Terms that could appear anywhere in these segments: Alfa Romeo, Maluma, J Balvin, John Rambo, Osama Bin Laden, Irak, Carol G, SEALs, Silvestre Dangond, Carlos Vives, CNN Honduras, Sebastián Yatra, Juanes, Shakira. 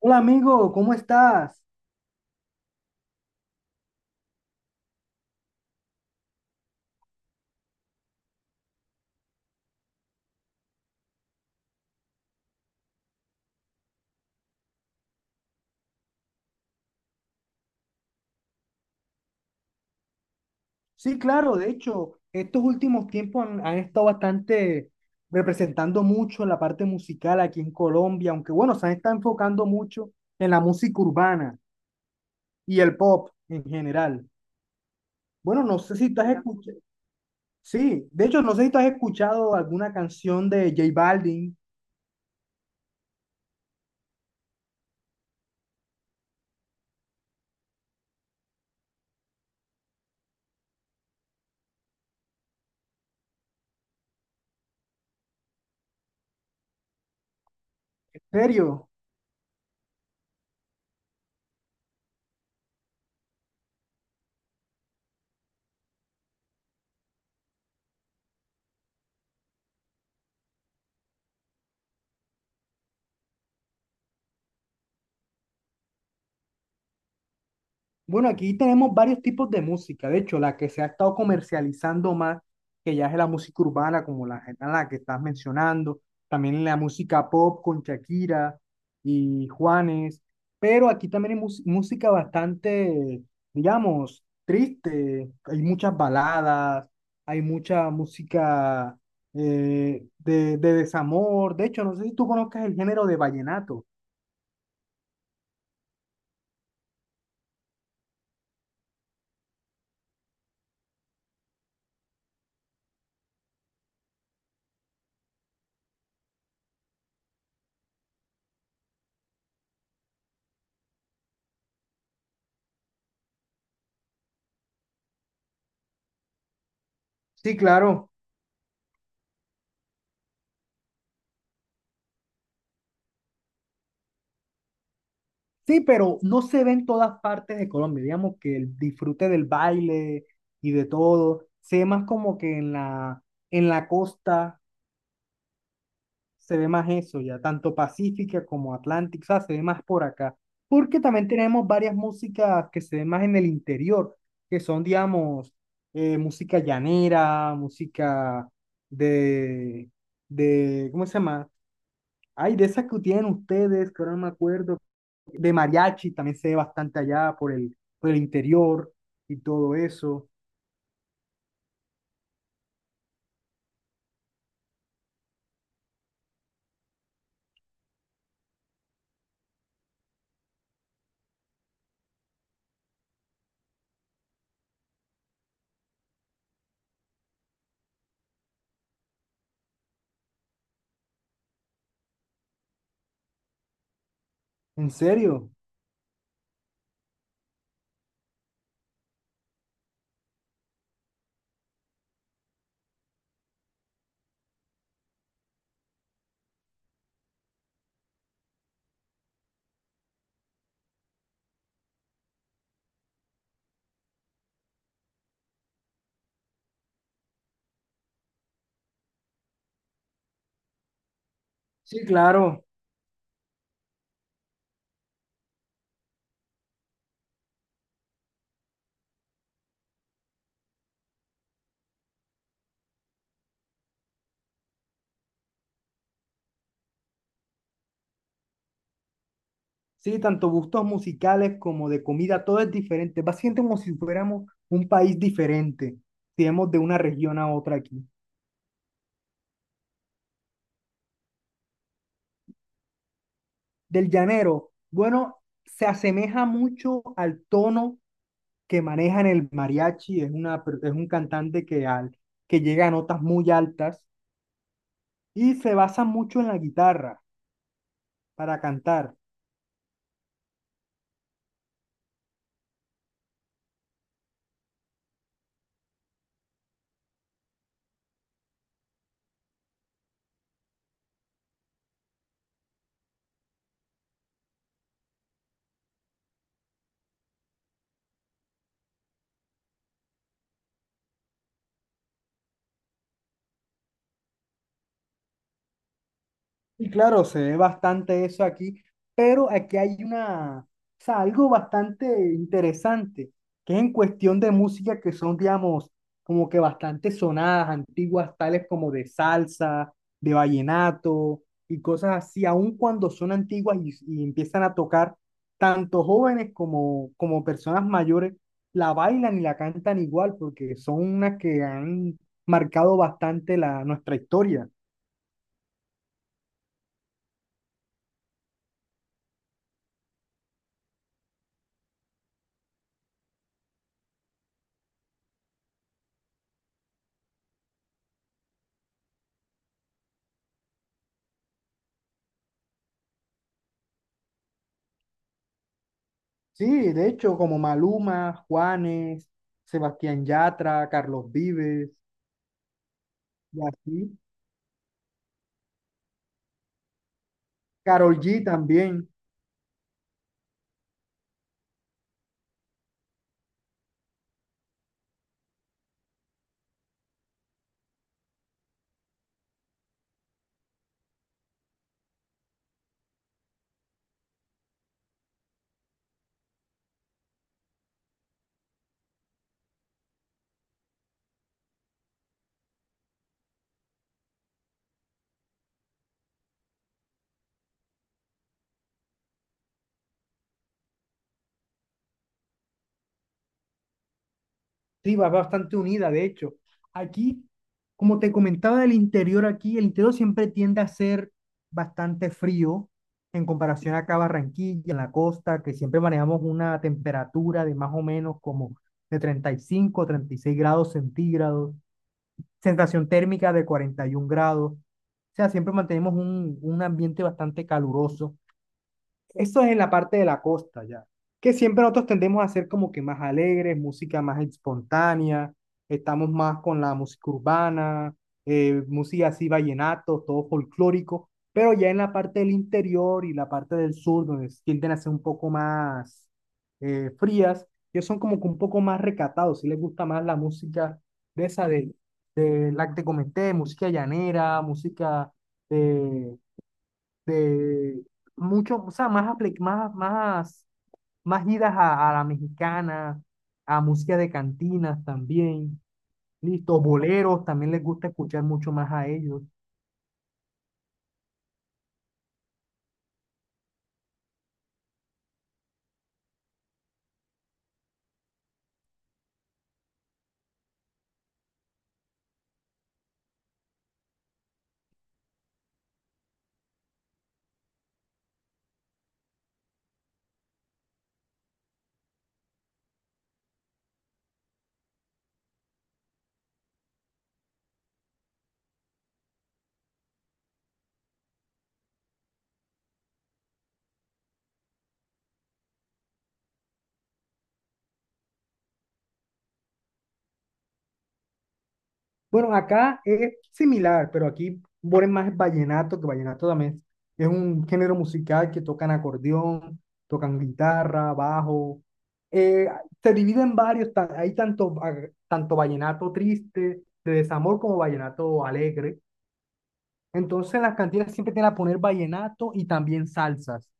Hola amigo, ¿cómo estás? Sí, claro, de hecho, estos últimos tiempos han estado bastante representando mucho la parte musical aquí en Colombia, aunque bueno, se han estado enfocando mucho en la música urbana y el pop en general. Bueno, no sé si tú has escuchado, sí, de hecho, no sé si tú has escuchado alguna canción de J Balvin, en serio. Bueno, aquí tenemos varios tipos de música. De hecho, la que se ha estado comercializando más, que ya es la música urbana, como la que estás mencionando, también la música pop con Shakira y Juanes, pero aquí también hay música bastante, digamos, triste. Hay muchas baladas, hay mucha música de, desamor. De hecho, no sé si tú conozcas el género de vallenato. Sí, claro. Sí, pero no se ve en todas partes de Colombia. Digamos que el disfrute del baile y de todo se ve más como que en la costa se ve más eso ya, tanto Pacífica como Atlántica, o sea, se ve más por acá. Porque también tenemos varias músicas que se ven más en el interior, que son, digamos, música llanera, música de, ¿cómo se llama? Ay, de esas que tienen ustedes, que ahora no me acuerdo, de mariachi, también se ve bastante allá por el interior y todo eso. ¿En serio? Sí, claro. Sí, tanto gustos musicales como de comida, todo es diferente. Básicamente como si fuéramos un país diferente, si vemos de una región a otra aquí. Del llanero, bueno, se asemeja mucho al tono que manejan el mariachi, es un cantante que, que llega a notas muy altas y se basa mucho en la guitarra para cantar. Y claro, se ve bastante eso aquí, pero aquí hay una, o sea, algo bastante interesante, que es en cuestión de música que son, digamos, como que bastante sonadas, antiguas, tales como de salsa, de vallenato y cosas así, aun cuando son antiguas y empiezan a tocar, tanto jóvenes como, como personas mayores la bailan y la cantan igual, porque son unas que han marcado bastante nuestra historia. Sí, de hecho, como Maluma, Juanes, Sebastián Yatra, Carlos Vives, y así. Carol G también. Sí, va bastante unida, de hecho. Aquí, como te comentaba del interior, aquí el interior siempre tiende a ser bastante frío en comparación acá a Barranquilla, en la costa, que siempre manejamos una temperatura de más o menos como de 30 35 36 grados centígrados. Sensación térmica de 41 grados. O sea, siempre mantenemos un ambiente bastante caluroso, eso es en la parte de la costa ya, que siempre nosotros tendemos a ser como que más alegres, música más espontánea, estamos más con la música urbana, música así vallenato, todo folclórico, pero ya en la parte del interior y la parte del sur, donde tienden a ser un poco más frías, ellos son como que un poco más recatados, si les gusta más la música de esa de la que te comenté, música llanera, música de de mucho, o sea, más, más idas a la mexicana, a música de cantinas también, listo, boleros, también les gusta escuchar mucho más a ellos. Bueno, acá es similar, pero aquí ponen más vallenato, que vallenato también es un género musical que tocan acordeón, tocan guitarra, bajo. Eh, Se divide en varios, hay tanto, tanto vallenato triste, de desamor, como vallenato alegre. Entonces las cantinas siempre te van a poner vallenato y también salsas.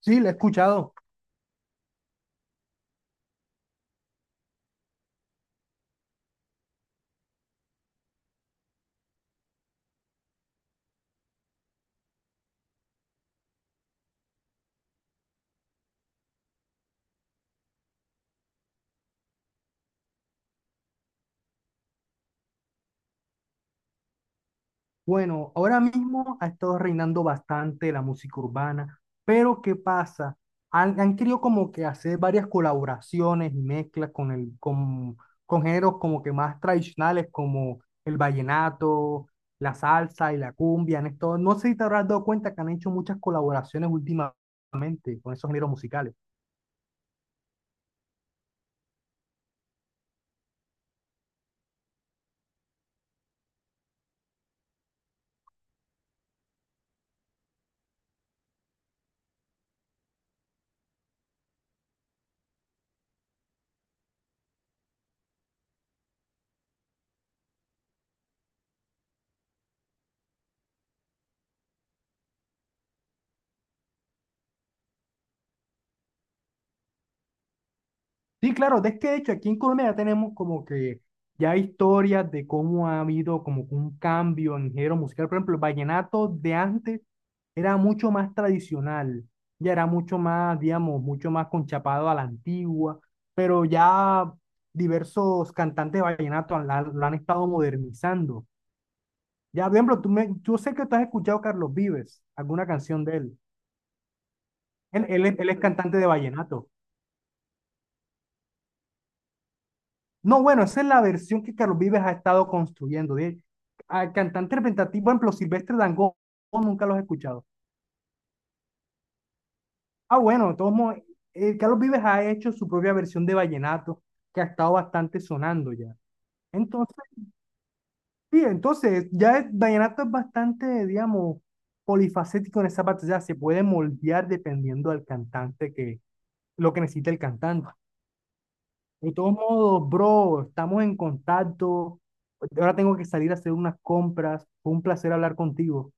Sí, lo he escuchado. Bueno, ahora mismo ha estado reinando bastante la música urbana, pero ¿qué pasa? Han querido como que hacer varias colaboraciones y mezclas con géneros como que más tradicionales como el vallenato, la salsa y la cumbia. En esto, no sé si te habrás dado cuenta que han hecho muchas colaboraciones últimamente con esos géneros musicales. Sí, claro, de este hecho, aquí en Colombia ya tenemos como que ya historias de cómo ha habido como que un cambio en género musical. Por ejemplo, el vallenato de antes era mucho más tradicional, ya era mucho más, digamos, mucho más conchapado a la antigua, pero ya diversos cantantes de vallenato lo han estado modernizando. Ya, por ejemplo, yo sé que tú has escuchado a Carlos Vives, alguna canción de él. Él, él es cantante de vallenato. No, bueno, esa es la versión que Carlos Vives ha estado construyendo. De, a cantante representativo, por ejemplo, Silvestre Dangond, nunca los he escuchado. Ah, bueno, de todos modos, Carlos Vives ha hecho su propia versión de vallenato, que ha estado bastante sonando ya. Entonces, sí, entonces, ya el vallenato es bastante, digamos, polifacético en esa parte, ya se puede moldear dependiendo del cantante que, lo que necesita el cantante. De todos modos, bro, estamos en contacto. Ahora tengo que salir a hacer unas compras. Fue un placer hablar contigo.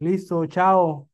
Listo, chao.